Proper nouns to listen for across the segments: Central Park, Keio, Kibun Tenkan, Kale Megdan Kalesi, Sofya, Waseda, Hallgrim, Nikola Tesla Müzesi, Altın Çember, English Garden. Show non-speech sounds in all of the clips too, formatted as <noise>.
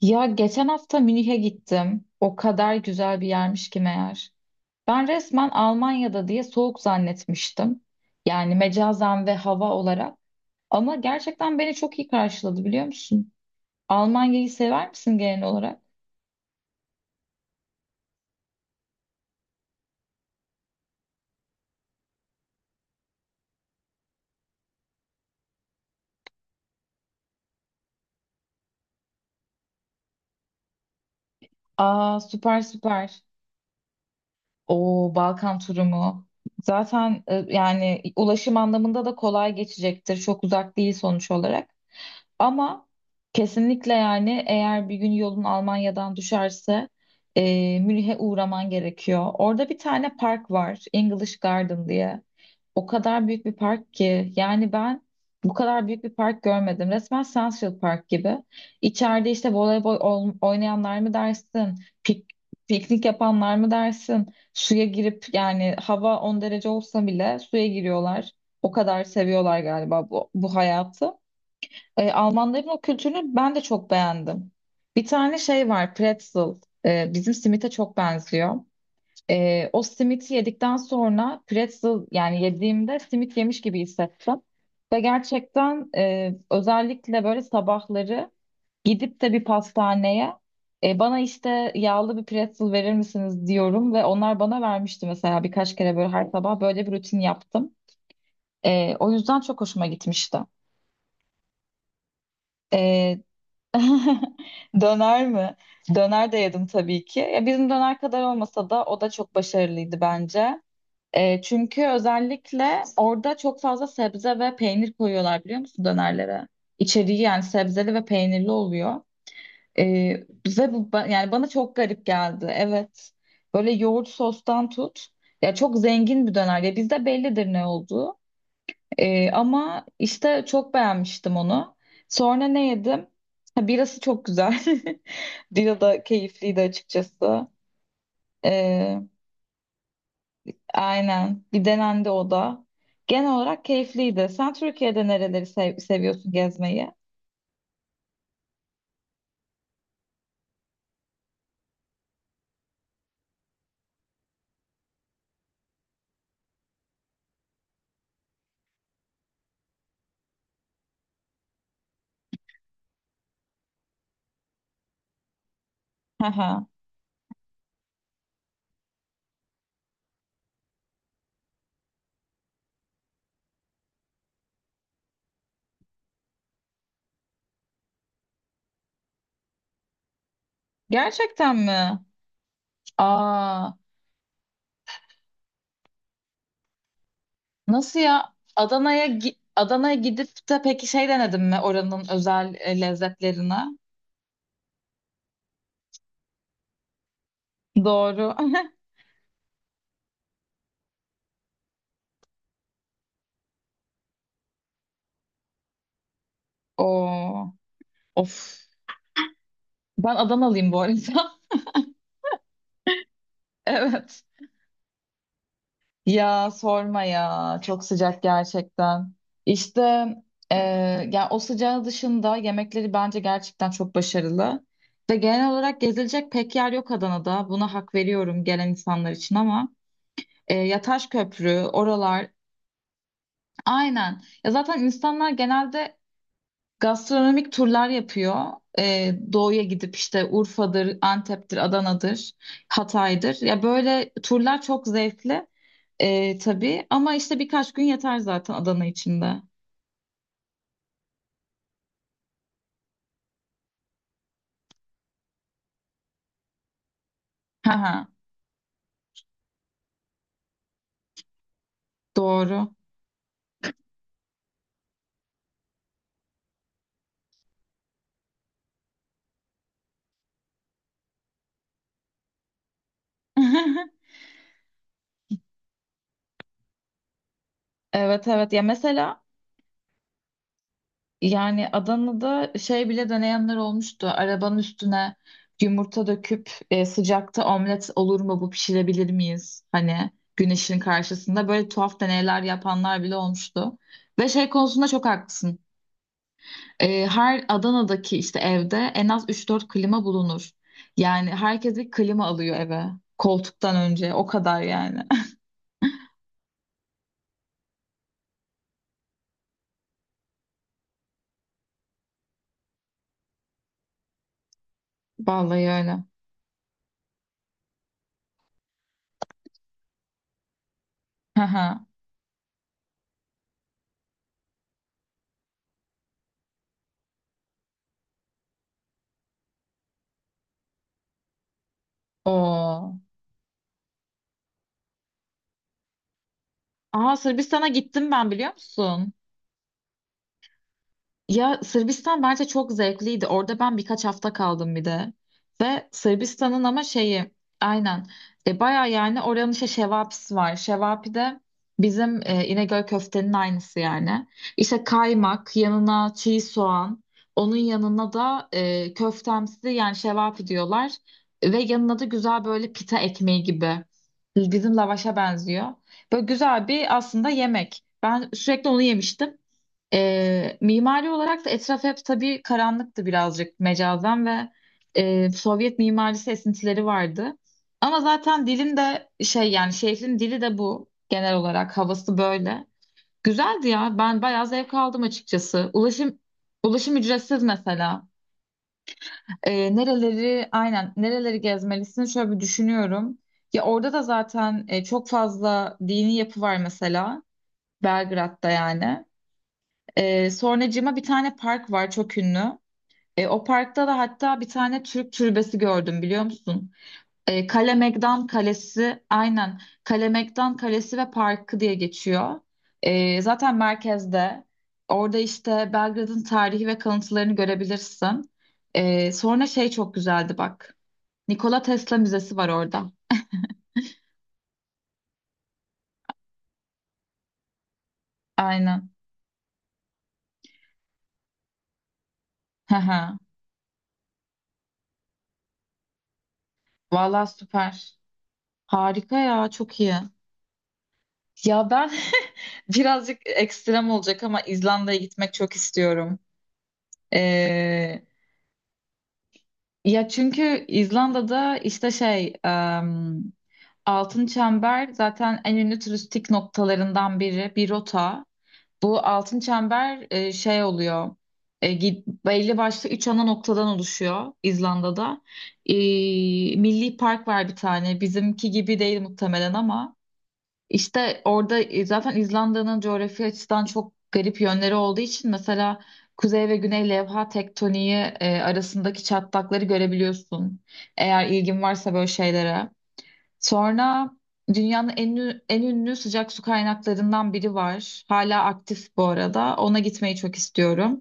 Ya geçen hafta Münih'e gittim. O kadar güzel bir yermiş ki meğer. Ben resmen Almanya'da diye soğuk zannetmiştim. Yani mecazen ve hava olarak. Ama gerçekten beni çok iyi karşıladı biliyor musun? Almanya'yı sever misin genel olarak? Aa, süper süper. O Balkan turumu. Zaten yani ulaşım anlamında da kolay geçecektir. Çok uzak değil sonuç olarak. Ama kesinlikle yani eğer bir gün yolun Almanya'dan düşerse Münih'e uğraman gerekiyor. Orada bir tane park var, English Garden diye. O kadar büyük bir park ki yani ben bu kadar büyük bir park görmedim. Resmen Central Park gibi. İçeride işte voleybol oynayanlar mı dersin, pik- piknik yapanlar mı dersin, suya girip yani hava 10 derece olsa bile suya giriyorlar. O kadar seviyorlar galiba bu hayatı. Almanların o kültürünü ben de çok beğendim. Bir tane şey var, pretzel. Bizim simite çok benziyor. O simiti yedikten sonra pretzel yani yediğimde simit yemiş gibi hissettim. Ve gerçekten özellikle böyle sabahları gidip de bir pastaneye bana işte yağlı bir pretzel verir misiniz diyorum ve onlar bana vermişti mesela birkaç kere böyle her sabah böyle bir rutin yaptım. O yüzden çok hoşuma gitmişti. Ee, Döner mi? Döner de yedim tabii ki. Ya bizim döner kadar olmasa da o da çok başarılıydı bence. Çünkü özellikle orada çok fazla sebze ve peynir koyuyorlar biliyor musun dönerlere? İçeriği yani sebzeli ve peynirli oluyor. E, Bize bu yani bana çok garip geldi. Evet. Böyle yoğurt sostan tut. Ya çok zengin bir döner. Ya bizde bellidir ne olduğu. Ama işte çok beğenmiştim onu. Sonra ne yedim? Ha, birası çok güzel. <laughs> Bira da keyifliydi açıkçası. Ee, aynen. Bir denendi o da. Genel olarak keyifliydi. Sen Türkiye'de nereleri seviyorsun gezmeyi? Haha. Gerçekten mi? Aa, nasıl ya? Adana'ya Adana'ya gidip de peki şey denedin mi oranın özel lezzetlerine? Doğru. <laughs> Oo, of. Ben Adanalıyım bu arada. <laughs> Evet. Ya sorma ya. Çok sıcak gerçekten. İşte e, yani o sıcağı dışında yemekleri bence gerçekten çok başarılı. Ve genel olarak gezilecek pek yer yok Adana'da. Buna hak veriyorum gelen insanlar için ama Yataş Köprü, oralar. Aynen. Ya zaten insanlar genelde gastronomik turlar yapıyor. Doğuya gidip işte Urfa'dır, Antep'tir, Adana'dır, Hatay'dır. Ya böyle turlar çok zevkli, tabii ama işte birkaç gün yeter zaten Adana içinde. Haha, doğru. <laughs> Evet, evet, ya mesela. Yani Adana'da şey bile deneyenler olmuştu. Arabanın üstüne yumurta döküp sıcakta omlet olur mu, bu pişirebilir miyiz? Hani güneşin karşısında böyle tuhaf deneyler yapanlar bile olmuştu. Ve şey konusunda çok haklısın. Her Adana'daki işte evde en az üç dört klima bulunur. Yani herkes bir klima alıyor eve. Koltuktan önce o kadar yani. <laughs> Vallahi öyle. Hı hı. Oo. Aa, Sırbistan'a gittim ben biliyor musun? Ya Sırbistan bence çok zevkliydi. Orada ben birkaç hafta kaldım bir de. Ve Sırbistan'ın ama şeyi aynen, baya yani oranın işte şevapisi var. Şevapi de bizim İnegöl köftenin aynısı yani. İşte kaymak, yanına çiğ soğan, onun yanına da köftemsi yani şevapi diyorlar. Ve yanına da güzel böyle pita ekmeği gibi. Bizim lavaşa benziyor. Böyle güzel bir aslında yemek. Ben sürekli onu yemiştim. Mimari olarak da etraf hep tabii karanlıktı birazcık mecazen ve Sovyet mimarisi esintileri vardı. Ama zaten dilin de şey yani şehrin dili de bu, genel olarak havası böyle. Güzeldi ya, ben bayağı zevk aldım açıkçası. Ulaşım ulaşım ücretsiz mesela. Nereleri, aynen, nereleri gezmelisin şöyle bir düşünüyorum. Ya orada da zaten çok fazla dini yapı var mesela Belgrad'da yani. Sonracığıma bir tane park var çok ünlü. O parkta da hatta bir tane Türk türbesi gördüm biliyor musun? Kale Megdan Kalesi, aynen, Kale Megdan Kalesi ve Parkı diye geçiyor. Zaten merkezde. Orada işte Belgrad'ın tarihi ve kalıntılarını görebilirsin. Sonra şey çok güzeldi bak. Nikola Tesla Müzesi var orada. Aynen. <laughs> Valla süper. Harika ya, çok iyi. Ya ben <laughs> birazcık ekstrem olacak ama İzlanda'ya gitmek çok istiyorum. Ee, Ya çünkü İzlanda'da işte şey, Altın Çember zaten en ünlü turistik noktalarından biri, bir rota. Bu Altın Çember şey oluyor. Belli başlı üç ana noktadan oluşuyor İzlanda'da. Ee, Milli Park var bir tane. Bizimki gibi değil muhtemelen ama. İşte orada zaten İzlanda'nın coğrafi açıdan çok garip yönleri olduğu için mesela kuzey ve güney levha tektoniği arasındaki çatlakları görebiliyorsun. Eğer ilgin varsa böyle şeylere. Sonra dünyanın en ünlü sıcak su kaynaklarından biri var. Hala aktif bu arada. Ona gitmeyi çok istiyorum.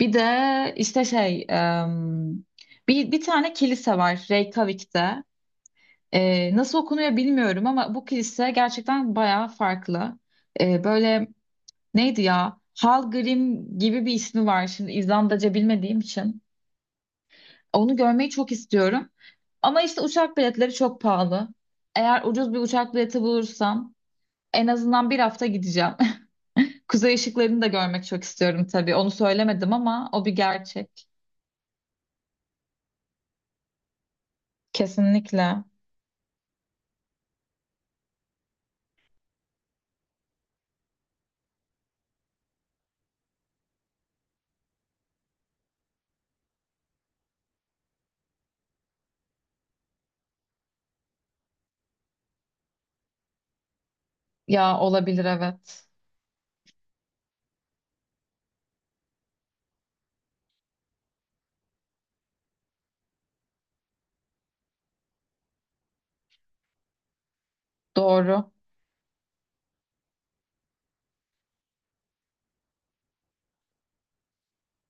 Bir de işte şey, bir tane kilise var Reykjavik'te. Nasıl okunuyor bilmiyorum ama bu kilise gerçekten bayağı farklı. Böyle neydi ya? Hallgrim gibi bir ismi var, şimdi İzlandaca bilmediğim için. Onu görmeyi çok istiyorum. Ama işte uçak biletleri çok pahalı. Eğer ucuz bir uçak bileti bulursam en azından bir hafta gideceğim. <laughs> Kuzey ışıklarını da görmek çok istiyorum tabii. Onu söylemedim ama o bir gerçek. Kesinlikle. Ya olabilir, evet. Doğru.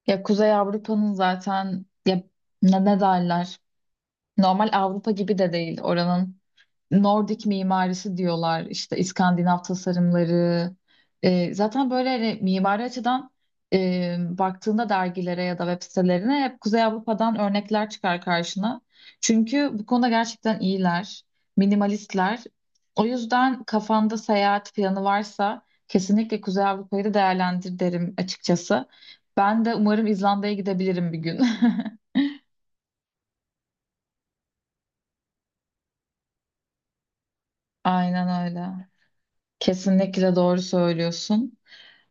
Ya Kuzey Avrupa'nın zaten ya ne derler? Normal Avrupa gibi de değil oranın. Nordik mimarisi diyorlar işte, İskandinav tasarımları. Zaten böyle hani mimari açıdan baktığında dergilere ya da web sitelerine hep Kuzey Avrupa'dan örnekler çıkar karşına. Çünkü bu konuda gerçekten iyiler, minimalistler. O yüzden kafanda seyahat planı varsa kesinlikle Kuzey Avrupa'yı da değerlendir derim açıkçası. Ben de umarım İzlanda'ya gidebilirim bir gün. <laughs> Aynen öyle. Kesinlikle doğru söylüyorsun.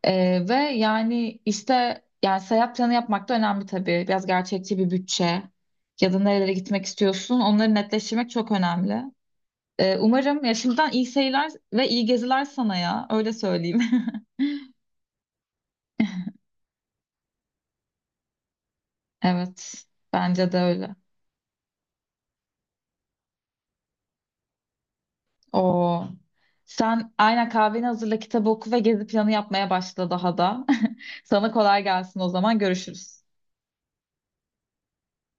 Ve yani işte, yani seyahat planı yapmak da önemli tabii. Biraz gerçekçi bir bütçe ya da nerelere gitmek istiyorsun, onları netleştirmek çok önemli. Umarım ya, şimdiden iyi seyirler ve iyi geziler sana, ya öyle söyleyeyim. <laughs> Evet, bence de öyle. Oo. Sen aynen kahveni hazırla, kitabı oku ve gezi planı yapmaya başla daha da. <laughs> Sana kolay gelsin, o zaman görüşürüz.